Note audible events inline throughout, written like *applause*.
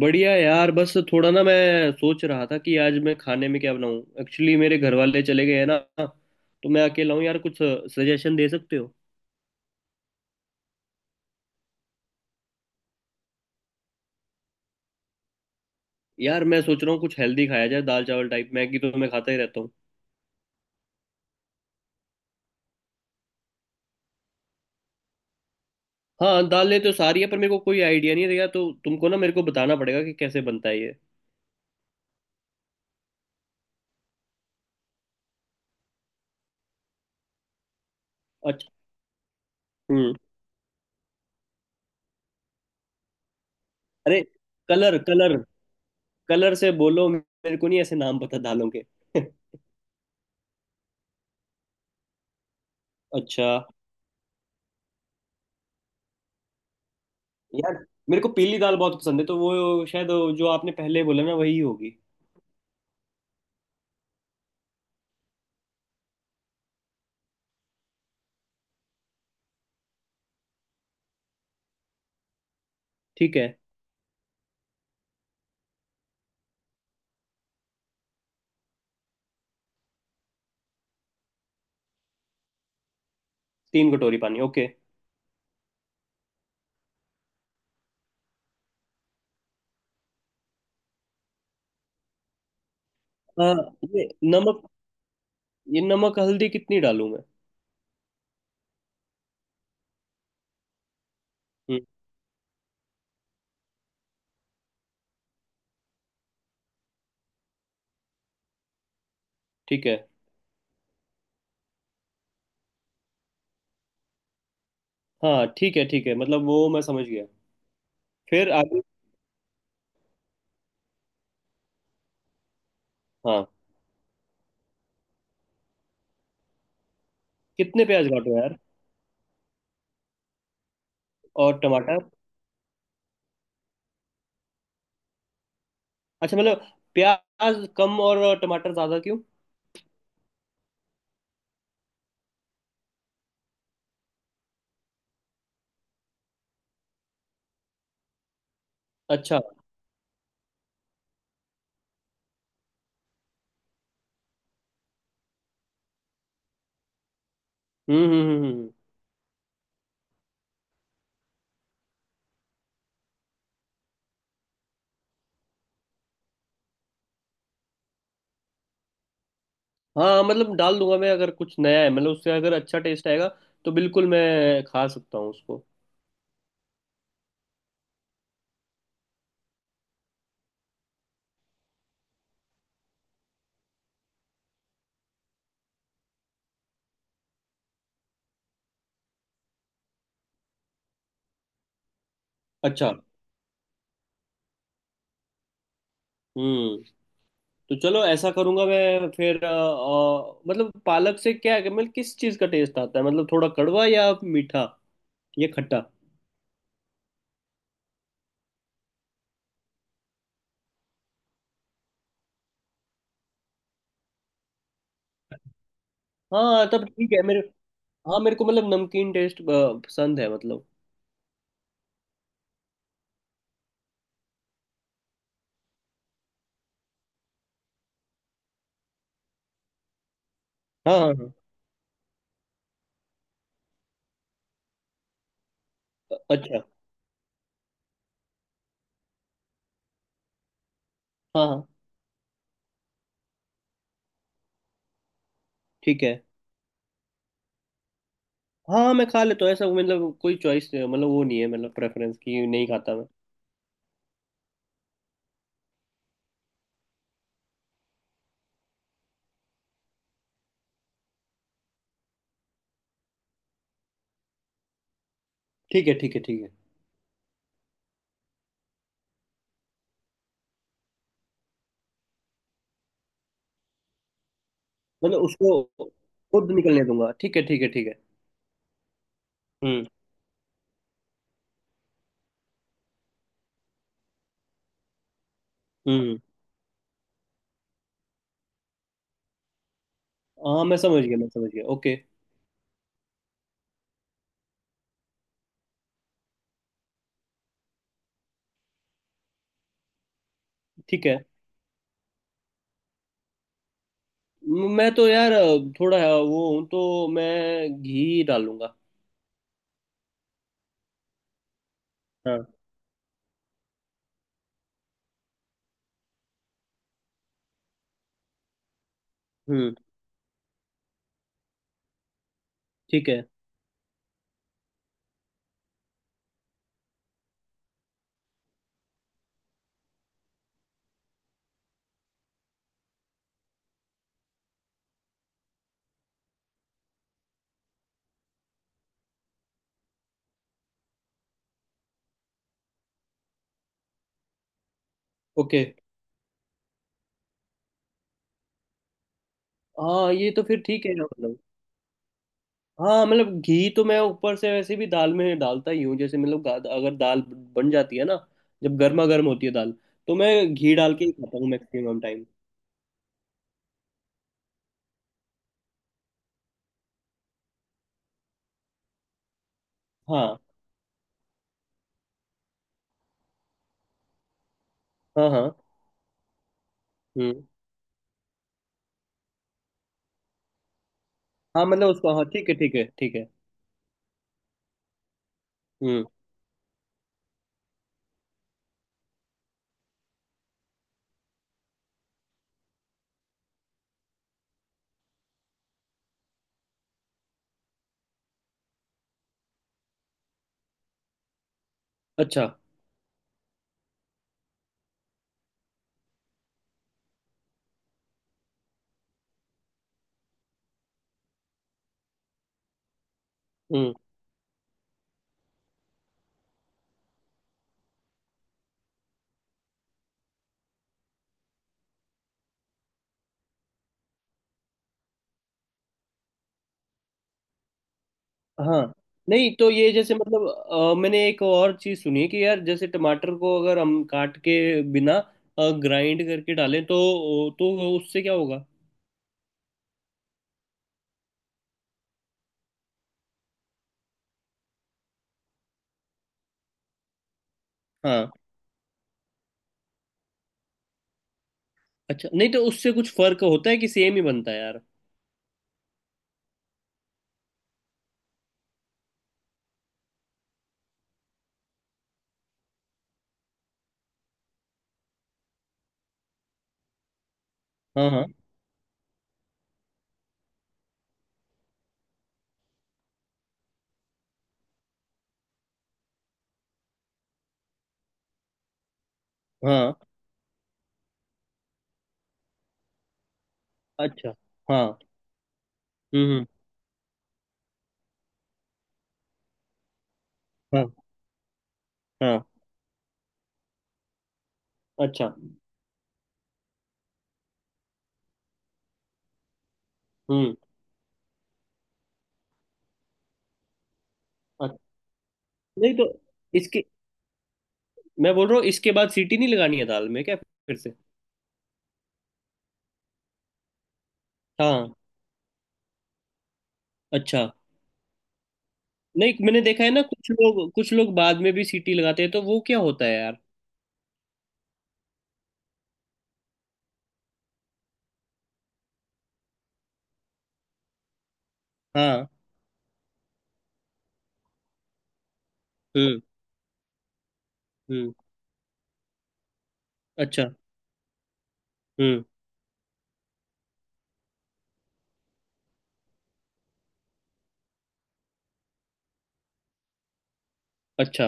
बढ़िया यार। बस थोड़ा ना, मैं सोच रहा था कि आज मैं खाने में क्या बनाऊं, एक्चुअली मेरे घर वाले चले गए हैं ना, तो मैं अकेला हूँ यार। कुछ सजेशन दे सकते हो? यार मैं सोच रहा हूँ कुछ हेल्दी खाया जाए, दाल चावल टाइप। मैगी तो मैं खाता ही रहता हूँ। हाँ, दालें तो सारी है पर मेरे को कोई आइडिया नहीं रहेगा, तो तुमको ना मेरे को बताना पड़ेगा कि कैसे बनता है ये। अच्छा। हम्म। अरे, कलर कलर। कलर से बोलो, मेरे को नहीं ऐसे नाम पता दालों के। *laughs* अच्छा यार, मेरे को पीली दाल बहुत पसंद है तो वो शायद जो आपने पहले बोला ना वही होगी। ठीक है। 3 कटोरी पानी, ओके। हाँ। ये नमक ये नमक हल्दी कितनी डालूं मैं? हम्म। ठीक है। हाँ ठीक है, ठीक है मतलब वो मैं समझ गया। फिर आगे? हाँ। कितने प्याज काटो यार? और टमाटर? अच्छा मतलब प्याज कम और टमाटर ज्यादा क्यों? अच्छा। हम्म। हाँ मतलब डाल दूंगा मैं अगर कुछ नया है, मतलब उससे अगर अच्छा टेस्ट आएगा तो बिल्कुल मैं खा सकता हूँ उसको। अच्छा। हम्म। तो चलो, ऐसा करूंगा मैं फिर। मतलब पालक से क्या है, मतलब किस चीज़ का टेस्ट आता है, मतलब थोड़ा कड़वा या मीठा या खट्टा? हाँ तब ठीक है। मेरे हाँ मेरे को मतलब नमकीन टेस्ट पसंद है मतलब। हाँ हाँ हाँ। अच्छा। हाँ हाँ ठीक है। हाँ हाँ, मैं खा लेता हूँ ऐसा मतलब। कोई चॉइस मतलब वो नहीं है, मतलब प्रेफरेंस की नहीं खाता मैं। ठीक है ठीक है ठीक है। मतलब उसको खुद निकलने दूंगा। ठीक है ठीक है ठीक है। हम्म। हम्म। हाँ मैं समझ गया, मैं समझ गया। ओके। ठीक है। मैं तो यार थोड़ा वो हूँ, तो मैं घी डालूंगा। हाँ। हम्म। ठीक है। ओके। हाँ ये तो फिर ठीक है यार, मतलब। हाँ मतलब घी तो मैं ऊपर से वैसे भी दाल में डालता ही हूँ, जैसे मतलब अगर दाल बन जाती है ना, जब गर्मा गर्म होती है दाल, तो मैं घी डाल के ही खाता हूँ मैक्सिमम टाइम। हाँ हाँ हाँ। हम्म। हाँ मतलब उसको। हाँ ठीक है ठीक है ठीक है। हम्म। अच्छा। हम्म। हाँ नहीं, तो ये जैसे मतलब मैंने एक और चीज सुनी कि यार, जैसे टमाटर को अगर हम काट के बिना ग्राइंड करके डालें तो उससे क्या होगा? हाँ। अच्छा, नहीं तो उससे कुछ फर्क होता है कि सेम ही बनता है यार? हाँ हाँ हाँ। अच्छा। हाँ। हम्म। हाँ हाँ। अच्छा। हम्म। अच्छा, नहीं तो इसके मैं बोल रहा हूँ, इसके बाद सीटी नहीं लगानी है दाल में क्या, फिर से? हाँ। अच्छा, नहीं मैंने देखा है ना, कुछ लोग बाद में भी सीटी लगाते हैं तो वो क्या होता है यार? हाँ। हम्म। हम्म। अच्छा। हम्म। अच्छा।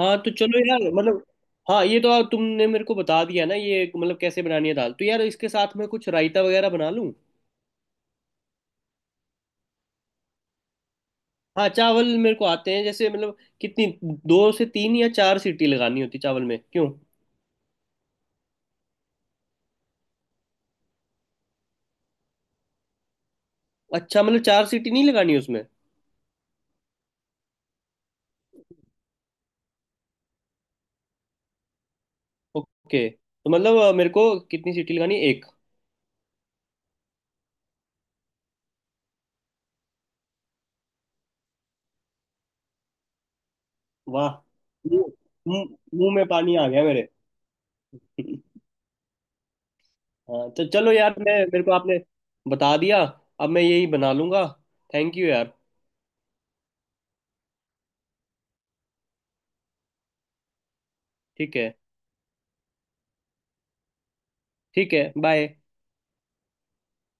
हाँ तो चलो यार, मतलब हाँ ये तो आप तुमने मेरे को बता दिया ना ये, मतलब कैसे बनानी है दाल। तो यार, इसके साथ मैं कुछ रायता वगैरह बना लूँ? हाँ चावल मेरे को आते हैं, जैसे मतलब कितनी, दो से तीन या चार सीटी लगानी होती चावल में क्यों? अच्छा मतलब चार सीटी नहीं लगानी उसमें? ओके। तो मतलब मेरे को कितनी सीटी लगानी, एक? वाह! मुंह मुंह- मुंह में पानी आ गया मेरे। *laughs* हाँ तो चलो यार। मैं मेरे को आपने बता दिया, अब मैं यही बना लूंगा। थैंक यू यार। ठीक है। ठीक है। बाय।